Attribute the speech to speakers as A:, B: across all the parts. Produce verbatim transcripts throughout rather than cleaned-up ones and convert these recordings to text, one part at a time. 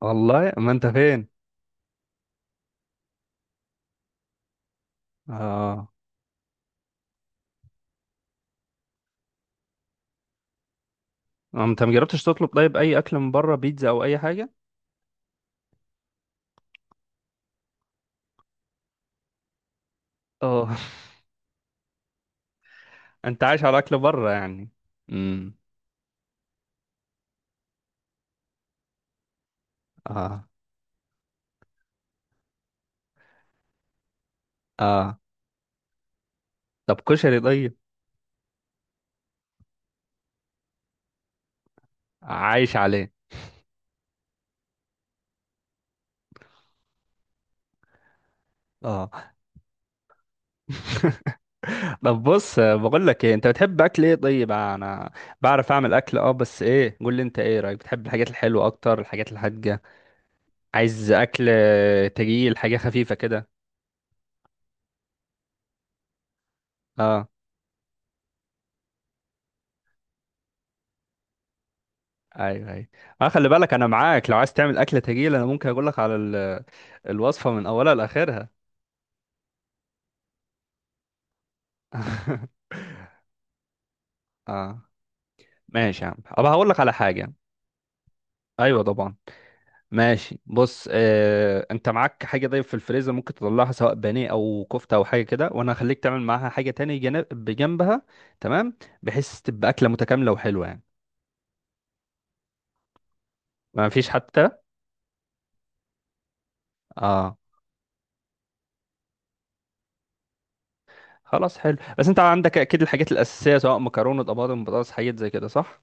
A: والله ما انت فين؟ اه. آه، انت ما جربتش تطلب طيب اي اكل من بره، بيتزا او اي حاجه؟ اه. انت عايش على اكل بره يعني؟ امم. اه. اه، طب كشري طيب؟ عايش عليه. اه، طب بص، آه، بقول لك ايه، انت بتحب اكل ايه طيب؟ آه، انا بعرف اعمل اكل، اه بس ايه، قول لي انت ايه رايك، بتحب الحاجات الحلوه اكتر الحاجات الحادقه؟ عايز اكل آه، تقيل، حاجه خفيفه كده؟ اه. ايوه ايوه. اه خلي بالك انا معاك، لو عايز تعمل اكله تجيل انا ممكن اقول لك على ال- الوصفه من اولها لاخرها. اه، ماشي يا عم، ابقى هقول لك على حاجه. ايوه طبعا. ماشي بص، آه، انت معاك حاجه طيب في الفريزر ممكن تطلعها، سواء بانيه او كفته او حاجه كده، وانا هخليك تعمل معاها حاجه تاني جنب بجنبها. تمام. بحيث تبقى اكله متكامله وحلوه يعني. ما فيش حتى. اه، خلاص حلو، بس انت عندك اكيد الحاجات الاساسيه، سواء مكرونه طماطم بطاطس، حاجات زي كده، صح؟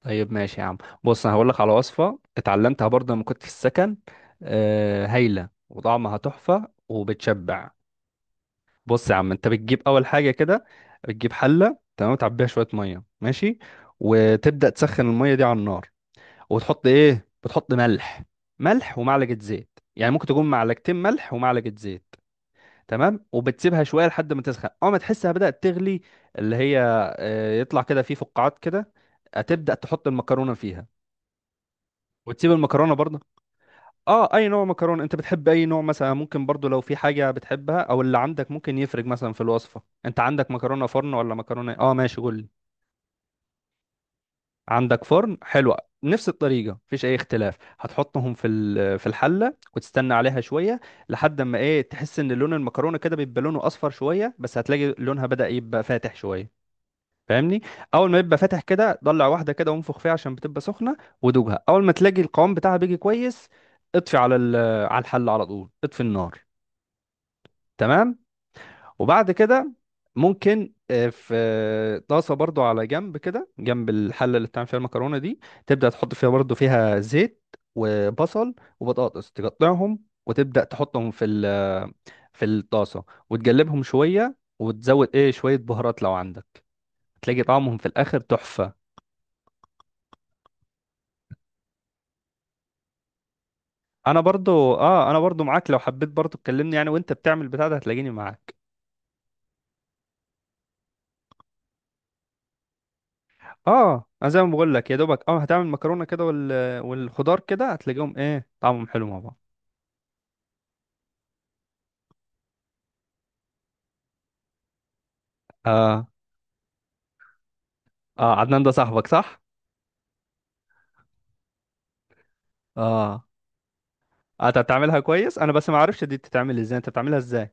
A: طيب ماشي يا عم. بص انا هقول لك على وصفه اتعلمتها برضه لما كنت في السكن، آه هايله وطعمها تحفه وبتشبع. بص يا عم، انت بتجيب اول حاجه كده، بتجيب حله، تمام، تعبيها شويه ميه، ماشي، وتبدا تسخن الميه دي على النار، وتحط ايه، بتحط ملح. ملح ومعلقه زيت، يعني ممكن تكون معلقتين ملح ومعلقه زيت. تمام، وبتسيبها شويه لحد ما تسخن. اول ما تحسها بدات تغلي، اللي هي آه، يطلع كده فيه فقاعات كده، هتبدا تحط المكرونه فيها، وتسيب المكرونه برضه. اه، اي نوع مكرونه، انت بتحب اي نوع؟ مثلا ممكن برضه لو في حاجه بتحبها او اللي عندك ممكن يفرق، مثلا في الوصفه انت عندك مكرونه فرن ولا مكرونه اه، ماشي قول لي. عندك فرن، حلوه. نفس الطريقه مفيش اي اختلاف، هتحطهم في ال- في الحله وتستنى عليها شويه، لحد ما ايه، تحس ان لون المكرونه كده بيبقى لونه اصفر شويه، بس هتلاقي لونها بدأ يبقى فاتح شويه، فاهمني؟ اول ما يبقى فاتح كده، ضلع واحده كده وانفخ فيها عشان بتبقى سخنه، ودوقها، اول ما تلاقي القوام بتاعها بيجي كويس اطفي على ال- على الحل، على طول اطفي النار. تمام. وبعد كده ممكن آه، في آه، طاسه برضو على جنب كده، جنب الحله اللي بتعمل فيها المكرونه دي، تبدا تحط فيها برضو فيها زيت، وبصل وبطاطس تقطعهم، وتبدا تحطهم في ال- في الطاسه، وتقلبهم شويه، وتزود ايه، شويه بهارات لو عندك، تلاقي طعمهم في الاخر تحفه. انا برضو اه، انا برضو معاك، لو حبيت برضو تكلمني يعني وانت بتعمل بتاع ده هتلاقيني معاك. اه، انا زي ما بقول لك يا دوبك اه هتعمل مكرونه كده وال... والخضار كده هتلاقيهم ايه، طعمهم حلو مع بعض. اه. اه، عدنان ده صاحبك صح؟ اه، آه، انت بتعملها كويس، انا بس ما اعرفش دي بتتعمل ازاي، انت بتعملها ازاي؟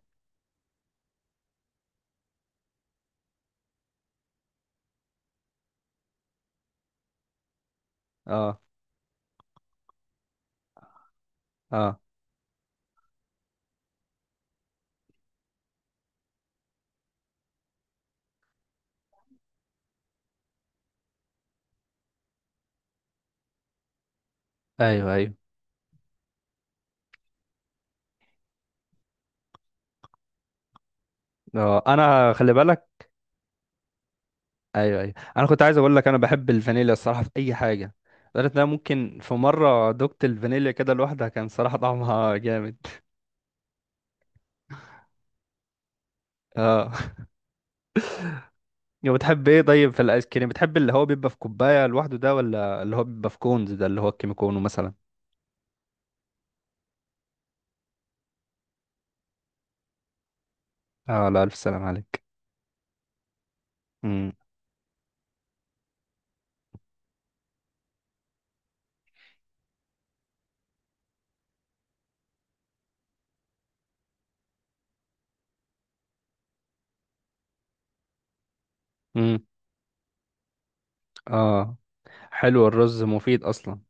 A: اه. اه. ايوه ايوه. اه انا خلي بالك. ايوه ايوه، انا كنت عايز اقول لك، انا بحب الفانيليا الصراحه في اي حاجه، لدرجه ان انا ممكن في مره دقت الفانيليا كده لوحدها، كان صراحه طعمها جامد. اه. وبتحب ايه طيب في الايس كريم، بتحب اللي هو بيبقى في كوبايه لوحده ده، ولا اللي هو بيبقى في كونز ده اللي هو الكيميكونو مثلا؟ اه، لا الف سلام عليك. امم. امم. اه، حلو، الرز مفيد اصلا.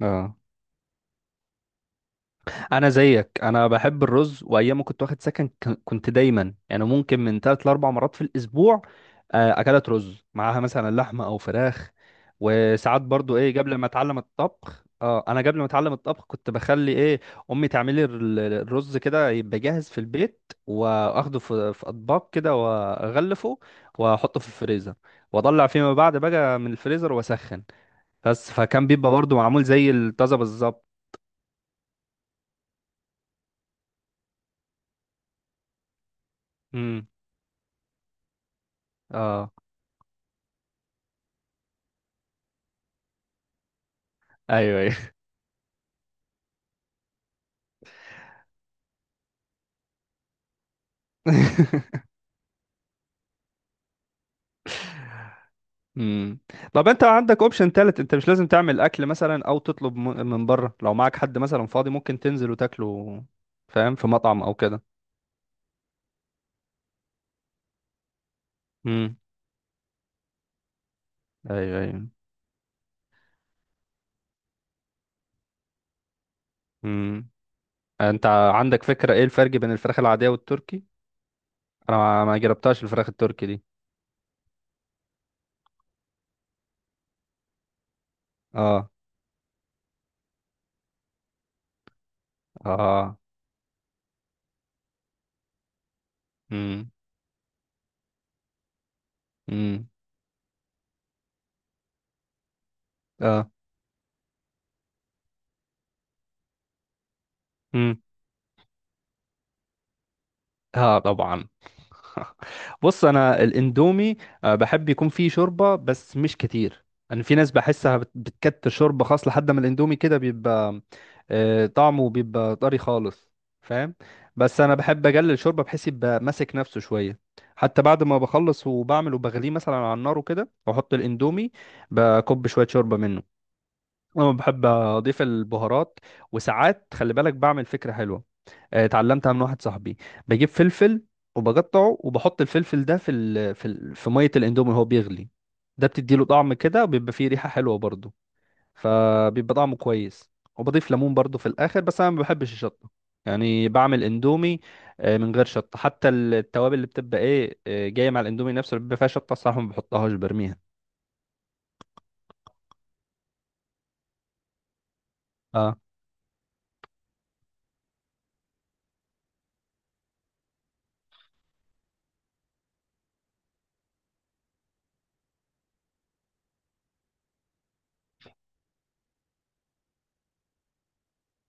A: اه. انا زيك، انا بحب الرز، وايام ما كنت واخد سكن ك- كنت دايما يعني ممكن من ثلاث لاربع مرات في الاسبوع آه، اكلات رز معاها مثلا لحمه او فراخ. وساعات برضو ايه، قبل ما اتعلم الطبخ، اه انا قبل ما اتعلم الطبخ كنت بخلي ايه امي تعمل لي ال- الرز كده يبقى جاهز في البيت، واخده في في اطباق كده واغلفه واحطه في الفريزر، واطلع فيما بعد بقى من الفريزر واسخن، بس فكان بيبقى برضو معمول زي الطازه بالظبط. امم. اه. ايوه. مم. طب انت عندك اوبشن تالت، انت مش لازم تعمل اكل مثلا او تطلب م- من بره، لو معاك حد مثلا فاضي ممكن تنزل وتاكله، فاهم، في مطعم او كده. امم. ايوه ايوه. امم. انت عندك فكرة ايه الفرق بين الفراخ العادية والتركي؟ انا ما ما جربتهاش الفراخ التركي دي. اه. اه. امم. امم. اه. امم. اه طبعا. بص انا الاندومي آه، بحب يكون فيه شوربه بس مش كتير. انا في ناس بحسها بت- بتكتر شوربه، خاص لحد ما الاندومي كده بيبقى آه، طعمه بيبقى طري خالص، فاهم. بس انا بحب اقلل شوربه بحيث يبقى ماسك نفسه شويه. حتى بعد ما بخلص وبعمل وبغليه مثلا على النار وكده واحط الاندومي بكب شويه شوربه منه. انا بحب اضيف البهارات، وساعات خلي بالك بعمل فكره حلوه، آه، اتعلمتها من واحد صاحبي، بجيب فلفل وبقطعه وبحط الفلفل ده في ال... في ال... في ميه الاندومي وهو بيغلي، ده بتديله طعم كده وبيبقى فيه ريحه حلوه برضه، فبيبقى طعمه كويس. وبضيف ليمون برضه في الاخر، بس انا ما بحبش الشطه. يعني بعمل اندومي آه، من غير شطه، حتى التوابل اللي بتبقى ايه آه، جايه مع الاندومي نفسه اللي بيبقى فيها شطه الصراحه ما بحطهاش برميها. اه.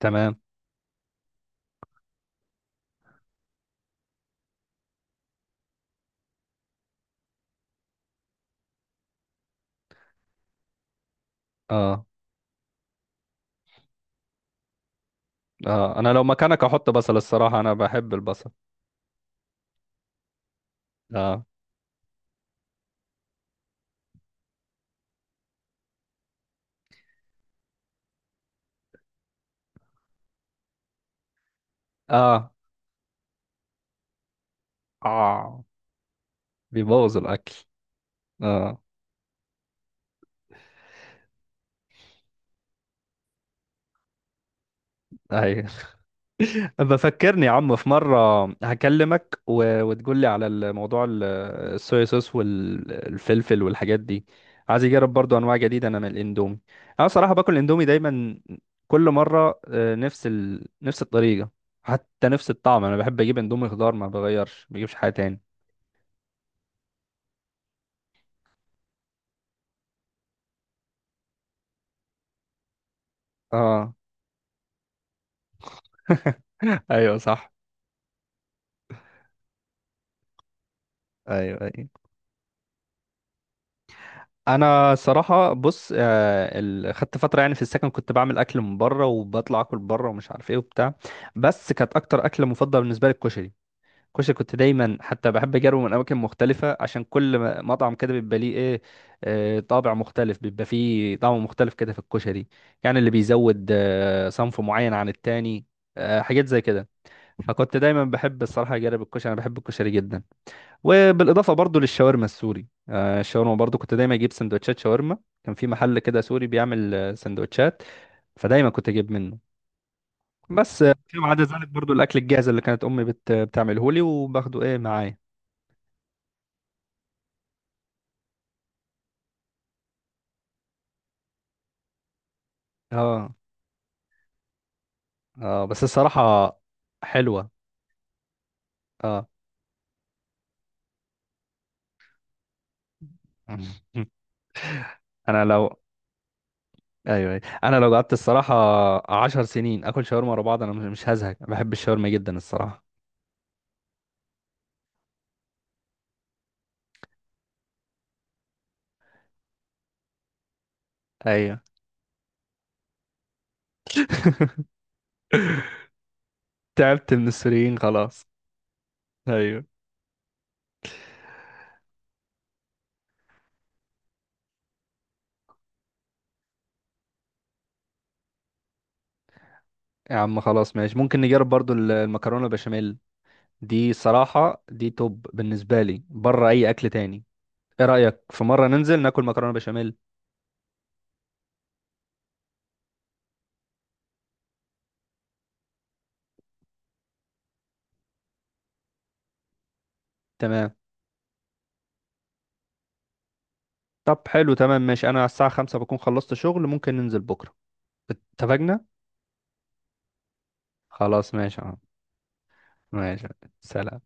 A: تمام. اه. اه انا لو مكانك احط بصل الصراحه، انا بحب البصل. اه. اه. اه، بيبوظ الاكل. اه. ايوه. بفكرني يا عم في مره، هكلمك و... وتقول لي على الموضوع ال- الصويا صوص والفلفل والحاجات دي. عايز اجرب برضو انواع جديده انا من الاندومي. انا صراحه باكل الاندومي دايما كل مره، آه، نفس ال... نفس الطريقه، حتى نفس الطعم، انا بحب اجيب اندومي خضار ما بغيرش، ما بجيبش حاجه تاني. اه. ايوه صح. ايوه أيوة. انا صراحه بص، آه، ال- خدت فتره يعني في السكن كنت بعمل اكل من بره، وبطلع اكل بره ومش عارف ايه وبتاع، بس كانت اكتر اكله مفضله بالنسبه لي الكشري. الكشري كنت دايما حتى بحب اجربه من اماكن مختلفه، عشان كل م- مطعم كده بيبقى ليه ايه آه، طابع مختلف، بيبقى فيه طعم مختلف كده في الكشري، يعني اللي بيزود آه، صنف معين عن التاني، آه، حاجات زي كده. فكنت دايما بحب الصراحه اجرب الكشري، انا بحب الكشري جدا. وبالاضافه برضو للشاورما السوري، آه، الشاورما برضو كنت دايما اجيب سندوتشات شاورما، كان في محل كده سوري بيعمل آه، سندوتشات، فدايما كنت اجيب منه. بس آه، فيما عدا ذلك برضو الاكل الجاهز اللي كانت امي بت... بتعمله لي وباخده ايه معايا. اه. اه بس الصراحه حلوه. اه. انا لو. ايوه أيوة. انا لو قعدت الصراحه عشر سنين اكل شاورما ورا بعض انا مش مش هزهق، بحب الشاورما جدا الصراحه. ايوه. تعبت من السوريين خلاص. ايوه يا عم خلاص ماشي، ممكن نجرب برضو ال- المكرونة البشاميل، دي صراحة دي توب بالنسبة لي بره أي أكل تاني. إيه رأيك في مرة ننزل ناكل مكرونة بشاميل؟ تمام. طب حلو، تمام، ماشي، أنا على الساعة خمسة بكون خلصت شغل، ممكن ننزل بكرة. اتفقنا. خلاص ماشي يا عم. ماشي. سلام.